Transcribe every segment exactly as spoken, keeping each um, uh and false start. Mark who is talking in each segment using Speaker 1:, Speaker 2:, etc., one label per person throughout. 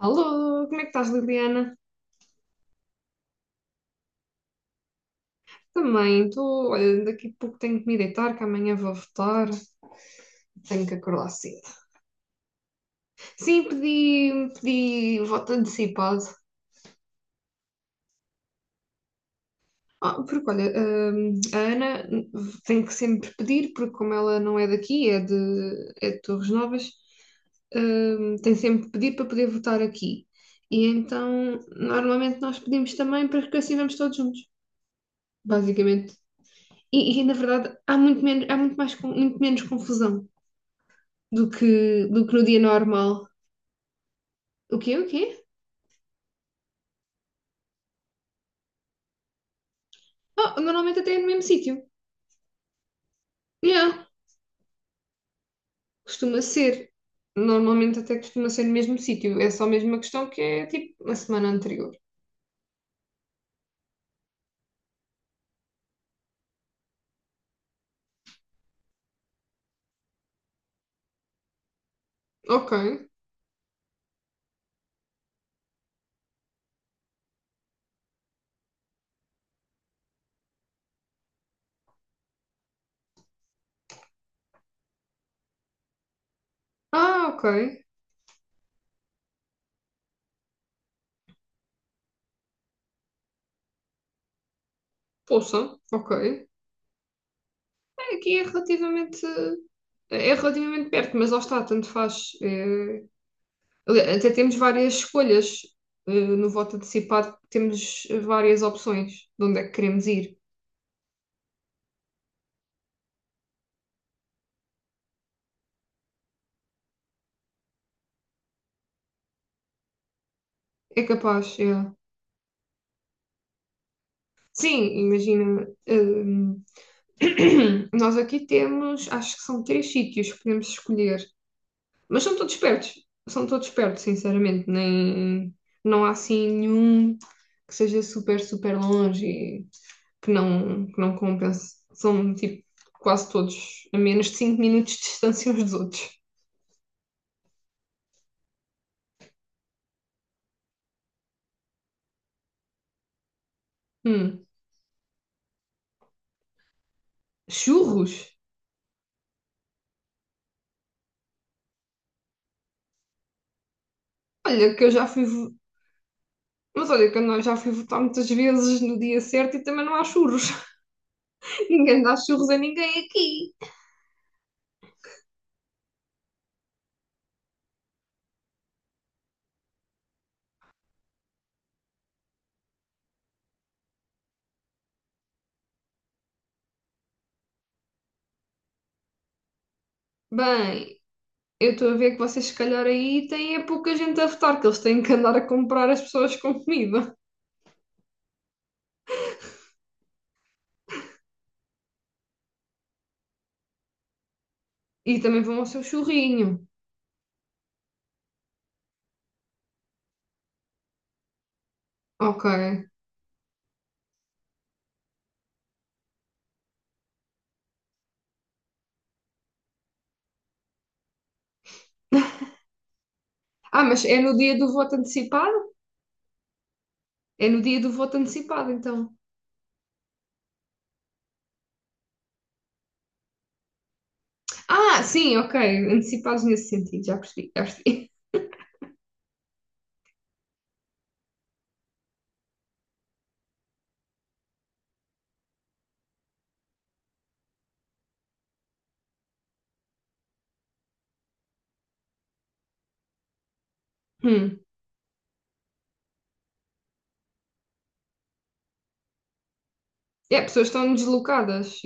Speaker 1: Alô, como é que estás, Liliana? Também, estou. Olha, daqui a pouco tenho que me deitar, que amanhã vou votar. Tenho que acordar cedo. Sim, pedi, pedi voto antecipado. Ah, porque, olha, hum, a Ana tem que sempre pedir, porque como ela não é daqui, é de, é de Torres Novas. Hum, tem sempre que pedir para poder votar aqui. E então, normalmente nós pedimos também, para que assim vamos todos juntos. Basicamente. E, e, na verdade, há muito menos, há muito mais, con- muito menos confusão do que, do que no dia normal. O quê? O quê? Ah, normalmente até é no mesmo sítio. Yeah, costuma ser. Normalmente até costuma ser no mesmo sítio. É só mesmo uma questão que é tipo a semana anterior. Ok. Ah, ok. Poça, ok. É, aqui é relativamente. É relativamente perto, mas lá está, tanto faz. É, Ali- Até temos várias escolhas. Eh, no voto antecipado temos várias opções de onde é que queremos ir. É capaz, é. Sim, imagina. Hum, nós aqui temos, acho que são três sítios que podemos escolher, mas são todos perto. São todos perto, sinceramente. Nem, não há assim nenhum que seja super, super longe e que não, que não compense. São tipo quase todos a menos de 5 minutos de distância uns dos outros. Hum. Churros? Olha que eu já fui. vo- Mas olha que eu não- já fui votar muitas vezes no dia certo e também não há churros. Ninguém dá churros a ninguém aqui. Bem, eu estou a ver que vocês se calhar aí têm é pouca gente a votar, que eles têm que andar a comprar as pessoas com comida. E também vão ao seu churrinho. Ok. Ah, mas é no dia do voto antecipado? É no dia do voto antecipado, então. Ah, sim, ok. Antecipados nesse sentido, já percebi, já percebi. Hum. É, pessoas estão deslocadas.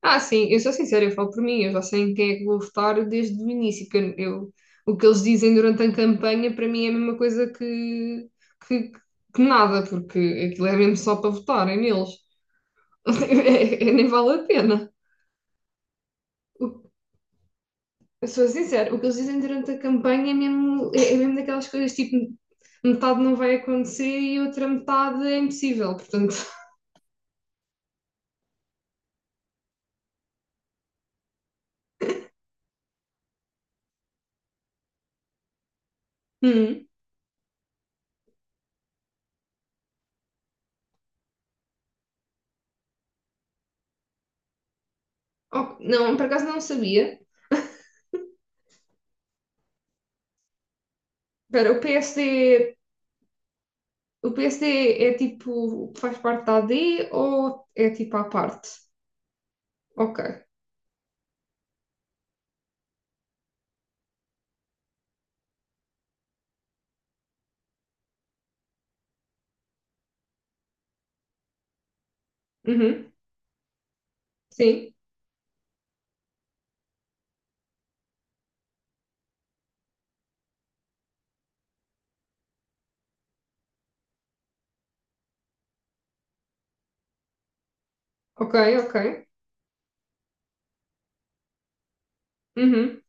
Speaker 1: Ah, sim, eu sou sincera, eu falo por mim, eu já sei em quem é que vou votar desde o início, que eu, eu- o que eles dizem durante a campanha para mim é a mesma coisa que, que, que nada, porque aquilo é mesmo só para votarem neles. É- é- nem vale a pena. O- eu sou sincera, o que eles dizem durante a campanha é mesmo, é, é mesmo daquelas coisas tipo metade não vai acontecer e outra metade é impossível, portanto. Hum. Ok, não, por acaso não sabia. Espera, o P S D. O P S D é tipo, faz parte da A D ou é tipo à parte? Ok. Uhum. Sim. Ok, ok. Uhum.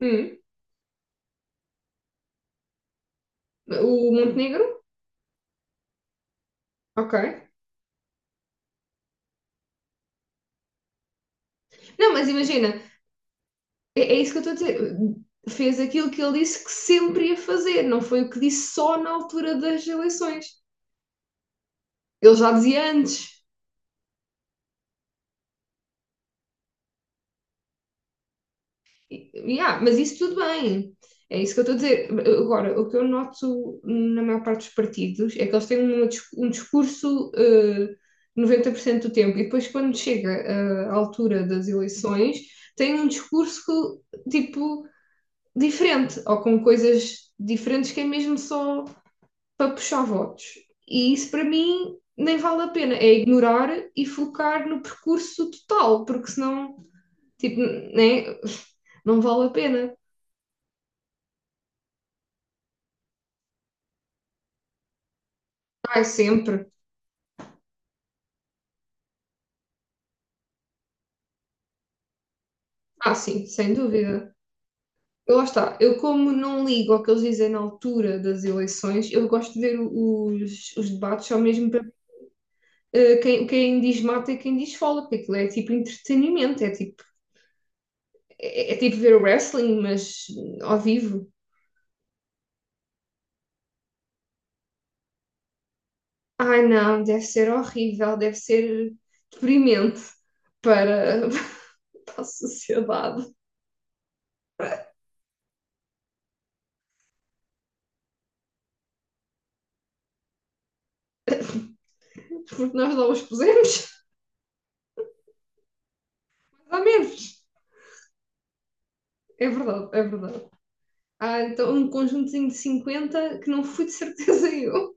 Speaker 1: Uhum. O Montenegro? Ok. Não, mas imagina, é, é isso que eu estou a dizer. Fez aquilo que ele disse que sempre ia fazer, não foi o que disse só na altura das eleições. Ele já dizia antes. Yeah, mas isso tudo bem. É isso que eu estou a dizer. Agora, o que eu noto na maior parte dos partidos é que eles têm uma dis- um discurso eh, noventa por cento do tempo e depois, quando chega eh, à altura das eleições, têm um discurso tipo diferente ou com coisas diferentes que é mesmo só para puxar votos. E isso para mim nem vale a pena. É ignorar e focar no percurso total, porque senão, tipo, né? Não vale a pena. Ai, sempre. Ah, sim, sem dúvida. Eu, lá está. Eu, como não ligo ao que eles dizem na altura das eleições, eu gosto de ver o- os, os debates só mesmo para eh, quem, quem diz mata e quem diz fala, porque aquilo é tipo entretenimento, é tipo, é, é tipo ver wrestling, mas ao vivo. Ai, não, deve ser horrível, deve ser deprimente para, para a sociedade, porque nós não os pusemos, a menos. É verdade, é verdade. Ah, então um conjuntozinho de cinquenta que não fui de certeza eu.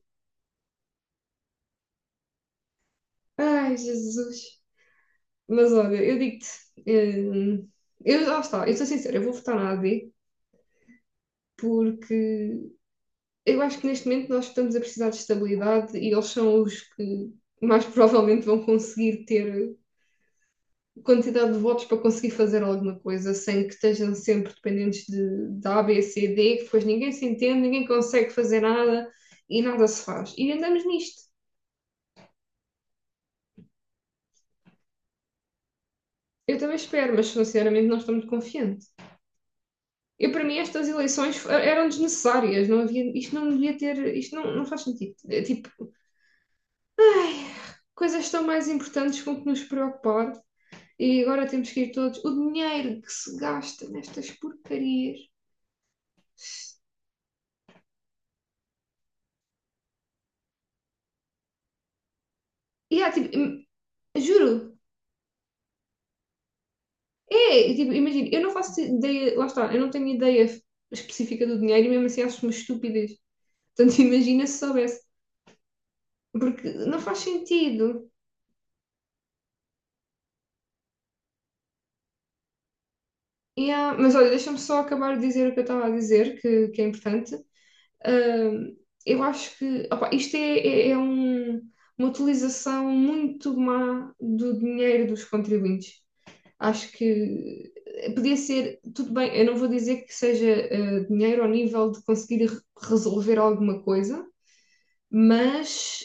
Speaker 1: Ai, Jesus. Mas olha, eu digo-te, hum, eu, lá está, eu sou sincera, eu vou votar na A D porque eu acho que neste momento nós estamos a precisar de estabilidade e eles são os que mais provavelmente vão conseguir ter quantidade de votos para conseguir fazer alguma coisa sem que estejam sempre dependentes de, de A, B, C, D, que depois ninguém se entende, ninguém consegue fazer nada e nada se faz. E andamos nisto. Eu também espero, mas sinceramente não estou muito confiante. Eu, para mim, estas eleições eram desnecessárias, não havia, isto não devia ter, isto não, não faz sentido. É tipo, ai, coisas tão mais importantes com que nos preocupar e agora temos que ir todos. O dinheiro que se gasta nestas porcarias. E há, tipo, juro, é, tipo, imagina, eu não faço ideia, lá está, eu não tenho ideia específica do dinheiro e mesmo assim acho uma estupidez. Portanto, imagina se soubesse, porque não faz sentido. Yeah, mas olha, deixa-me só acabar de dizer o que eu estava a dizer, que, que é importante. Ahm, eu acho que opa, isto é, é- é um- uma utilização muito má do dinheiro dos contribuintes. Acho que eh, podia ser, tudo bem, eu não vou dizer que seja eh, dinheiro ao nível de conseguir re- resolver alguma coisa, mas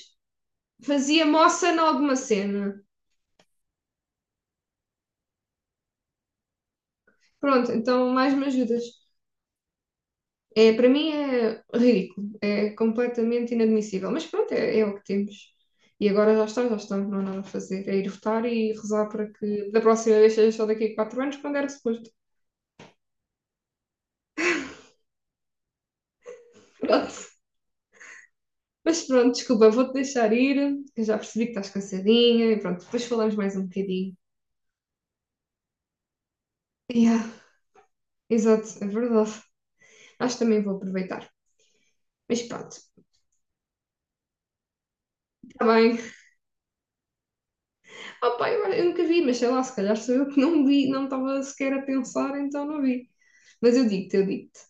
Speaker 1: fazia moça em alguma cena. Pronto, então mais me ajudas. É, para mim é ridículo, é completamente inadmissível, mas pronto, é, é o que temos. E agora já está, já estamos, não há nada a fazer. É ir votar e rezar para que da próxima vez seja só daqui a quatro anos, quando era suposto. Pronto. Mas pronto, desculpa, vou-te deixar ir, que eu já percebi que estás cansadinha e pronto, depois falamos mais um bocadinho. Yeah, exato, é verdade. Acho que também vou aproveitar. Mas pronto, está bem. Oh, pá, eu, eu nunca vi, mas sei lá, se calhar sou eu que não vi, não estava sequer a pensar, então não vi. Mas eu digo-te, eu digo-te.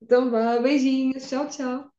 Speaker 1: Então vá, beijinhos, tchau, tchau.